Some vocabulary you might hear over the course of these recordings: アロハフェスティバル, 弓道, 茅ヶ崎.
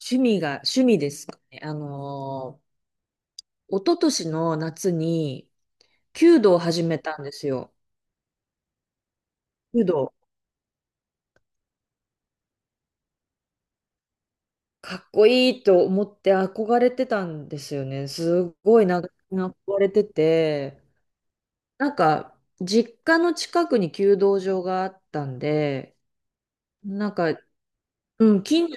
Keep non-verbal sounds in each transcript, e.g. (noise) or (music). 趣味が、趣味ですかね。一昨年の夏に、弓道を始めたんですよ。弓道、かっこいいと思って憧れてたんですよね。すごい長年憧れてて、なんか、実家の近くに弓道場があったんで、なんか、うん、近所、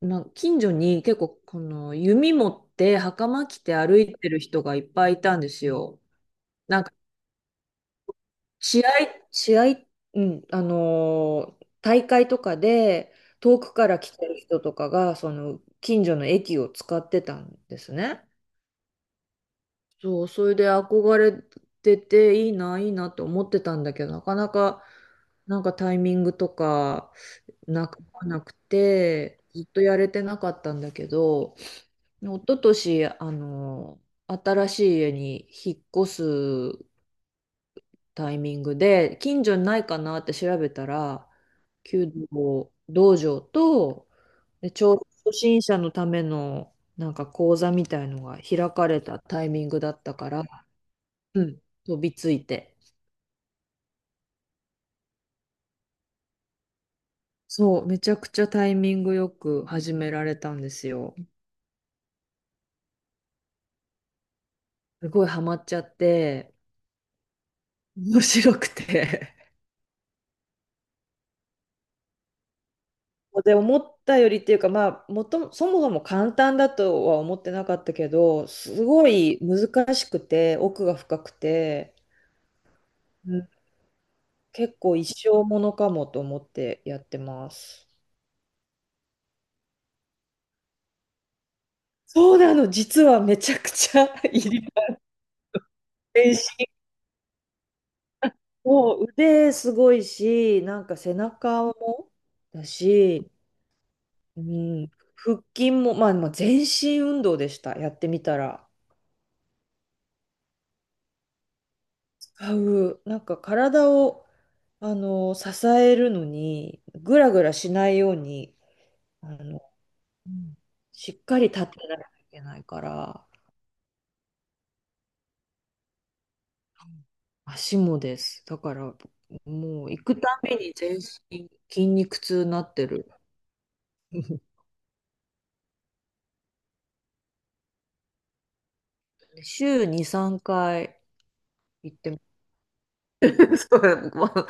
な近所に結構、この弓持って袴着て歩いてる人がいっぱいいたんですよ。なんか試合、試合、うん、大会とかで遠くから来てる人とかが、その近所の駅を使ってたんですね。そう、それで憧れてて、いいな、いいなと思ってたんだけど、なかなか、なんかタイミングとかなくなくて、ずっとやれてなかったんだけど、一昨年、あの新しい家に引っ越すタイミングで、近所にないかなって調べたら、弓道道場と、で、ちょうど初心者のためのなんか講座みたいのが開かれたタイミングだったから、うん、飛びついて。そう、めちゃくちゃタイミングよく始められたんですよ。すごいハマっちゃって、面白くて。で、思ったよりっていうか、まあそもそも簡単だとは思ってなかったけど、すごい難しくて奥が深くて、うん、結構一生ものかもと思ってやってます。そうなの、実はめちゃくちゃ (laughs) いり、全身、もう腕すごいし、なんか背中もだし、うん、腹筋も、まあ全身運動でした、やってみたら。使う、なんか体を支えるのに、ぐらぐらしないように、あの、うん、しっかり立ってないといけないから、足もです。だから、もう行くために全身筋肉痛になってる。(laughs) 週2、3回行ってます。 (laughs) そう、もう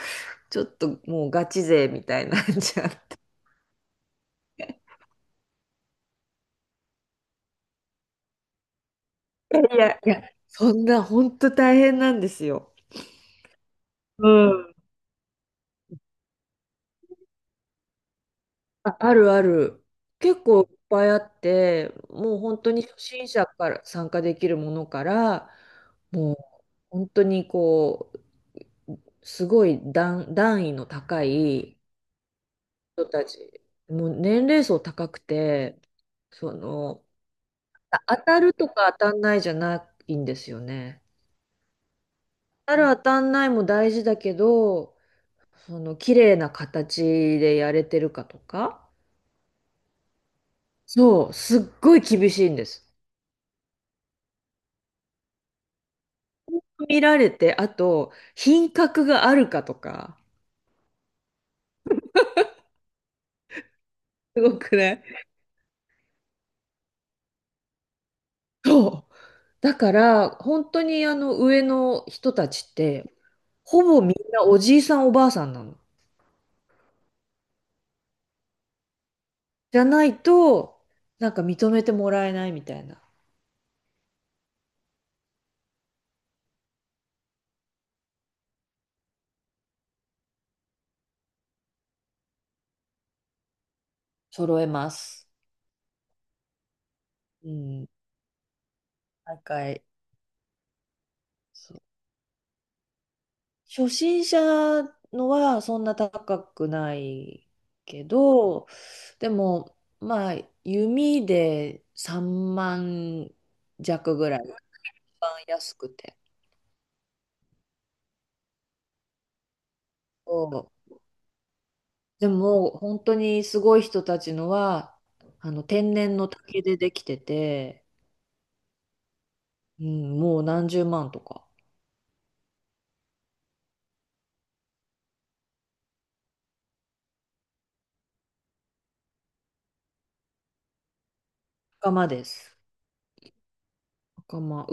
ちょっともうガチ勢みたいになっちゃって。いやそんな、本当大変なんですよ。うん、あ、あるある。結構いっぱいあって、もう本当に初心者から参加できるものから、もう本当にう、すごい段位の高い人たち、もう年齢層高くて、その、あ、当たるとか当たんないじゃないんですよね。当たる当たんないも大事だけど、その綺麗な形でやれてるかとか、そう、すっごい厳しいんです。見られて、あと、品格があるかとか、すごくね。そう。だから、本当にあの上の人たちって、ほぼみんなおじいさんおばあさんなの。じゃないと、なんか認めてもらえないみたいな。揃えます。うん。高い。そう、初心者のはそんな高くないけど、でも、まあ、弓で3万弱ぐらい。番安くて。そう、でも本当にすごい人たちのは、あの天然の竹でできてて、うん、もう何十万とか。袴です、袴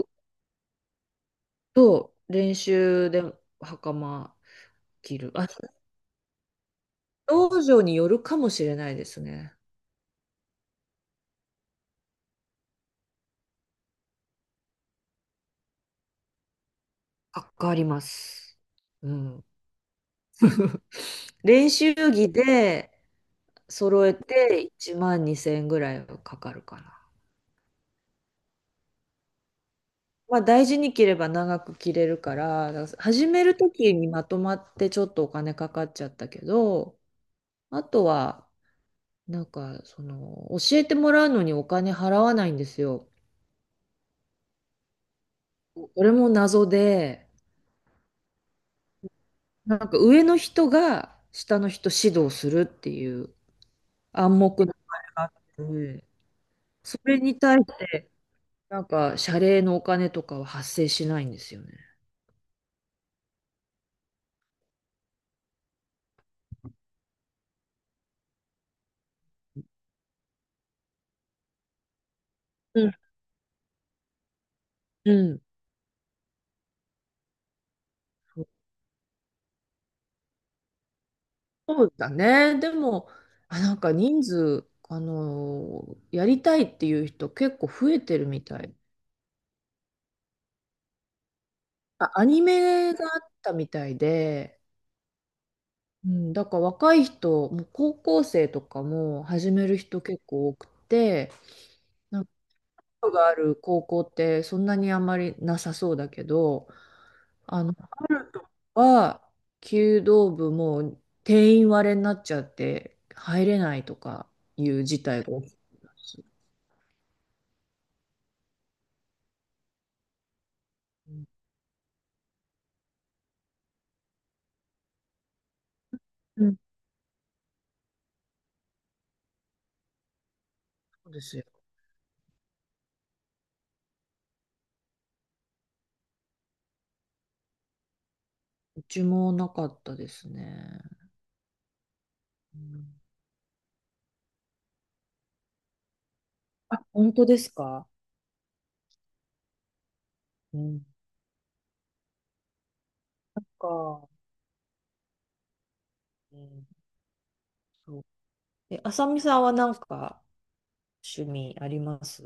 と、練習で袴着る、あ、道場によるかもしれないですね。かかります、うん、練習着で揃えて1万2千円ぐらいはかかるかな。まあ、大事に着れば長く着れるから、だから始める時にまとまってちょっとお金かかっちゃったけど、あとは、なんか、その、教えてもらうのにお金払わないんですよ。これも謎で、なんか上の人が下の人指導するっていう暗黙のあれがあって、それに対して、なんか謝礼のお金とかは発生しないんですよね。うん、うん。そうだね。でも、あ、なんか人数、やりたいっていう人結構増えてるみたい。あ、アニメがあったみたいで、うん、だから若い人、もう高校生とかも始める人結構多くて、なんか人がある高校ってそんなにあんまりなさそうだけど、あの、は、弓道部も定員割れになっちゃって入れないとかいう事態が起きてます。そうですよ。うちもなかったですね。うん。あ、本当ですか。うんか。うん、そう。え、あさみさんはなんか趣味あります？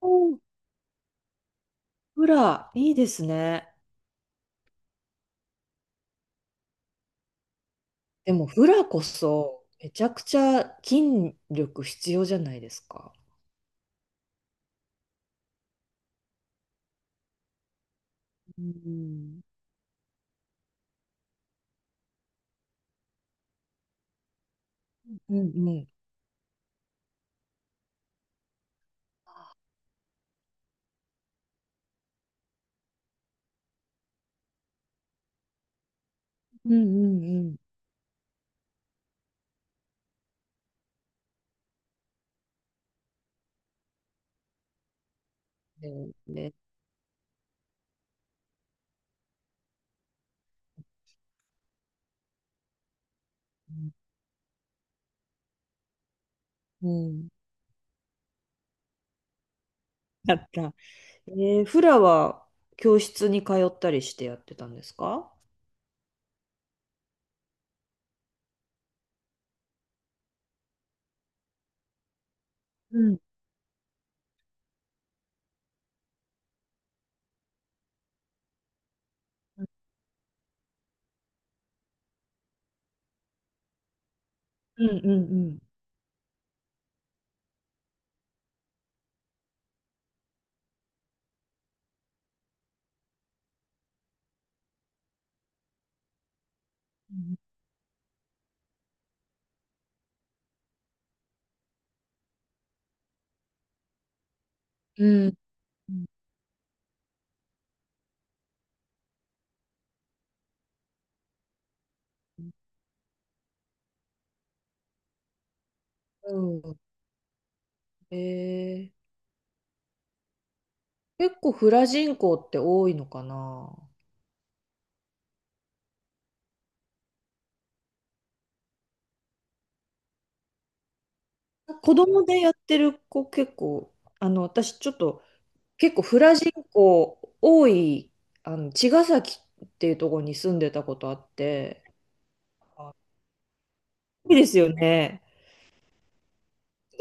お、フラ、いいですね。でもフラこそめちゃくちゃ筋力必要じゃないですか。うん。うんうん。うんうんうん。で、うん。だった。えー、フラは教室に通ったりしてやってたんですか？うんうんうん、うん。うん。うんうん。えー、結構フラ人口って多いのかな？子供でやってる子結構、あの、私ちょっと結構フラ人口多い、あの、茅ヶ崎っていうところに住んでたことあって、あ、いいですよね。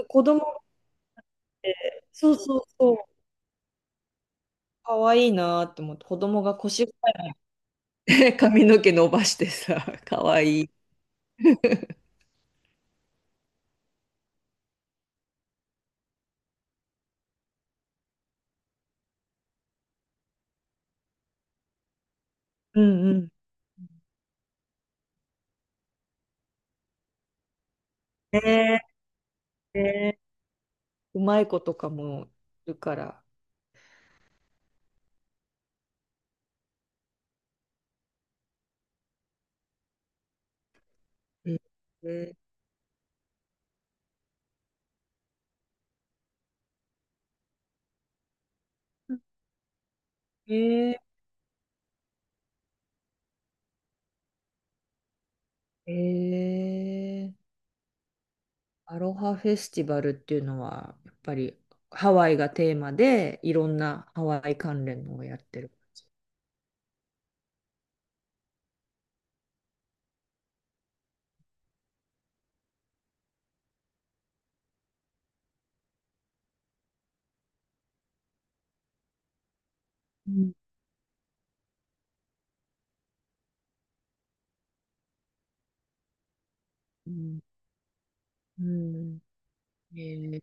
子供って、そうそうそう、かわいいなと思って、子供が腰が (laughs) 髪の毛伸ばしてさ、かわいい。うんうん。ねえ、ね、うまい子とかもいるから。うんうん、え、ええー、アロハフェスティバルっていうのは、やっぱりハワイがテーマで、いろんなハワイ関連のをやってる感じ。うんうんうん。えー、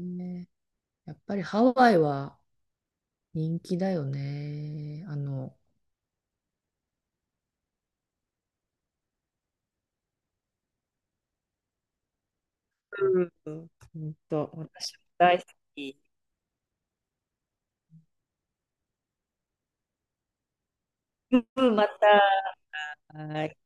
ね、やっぱりハワイは人気だよね。あの、うん、ほんと、私も大好き。うん、また。はい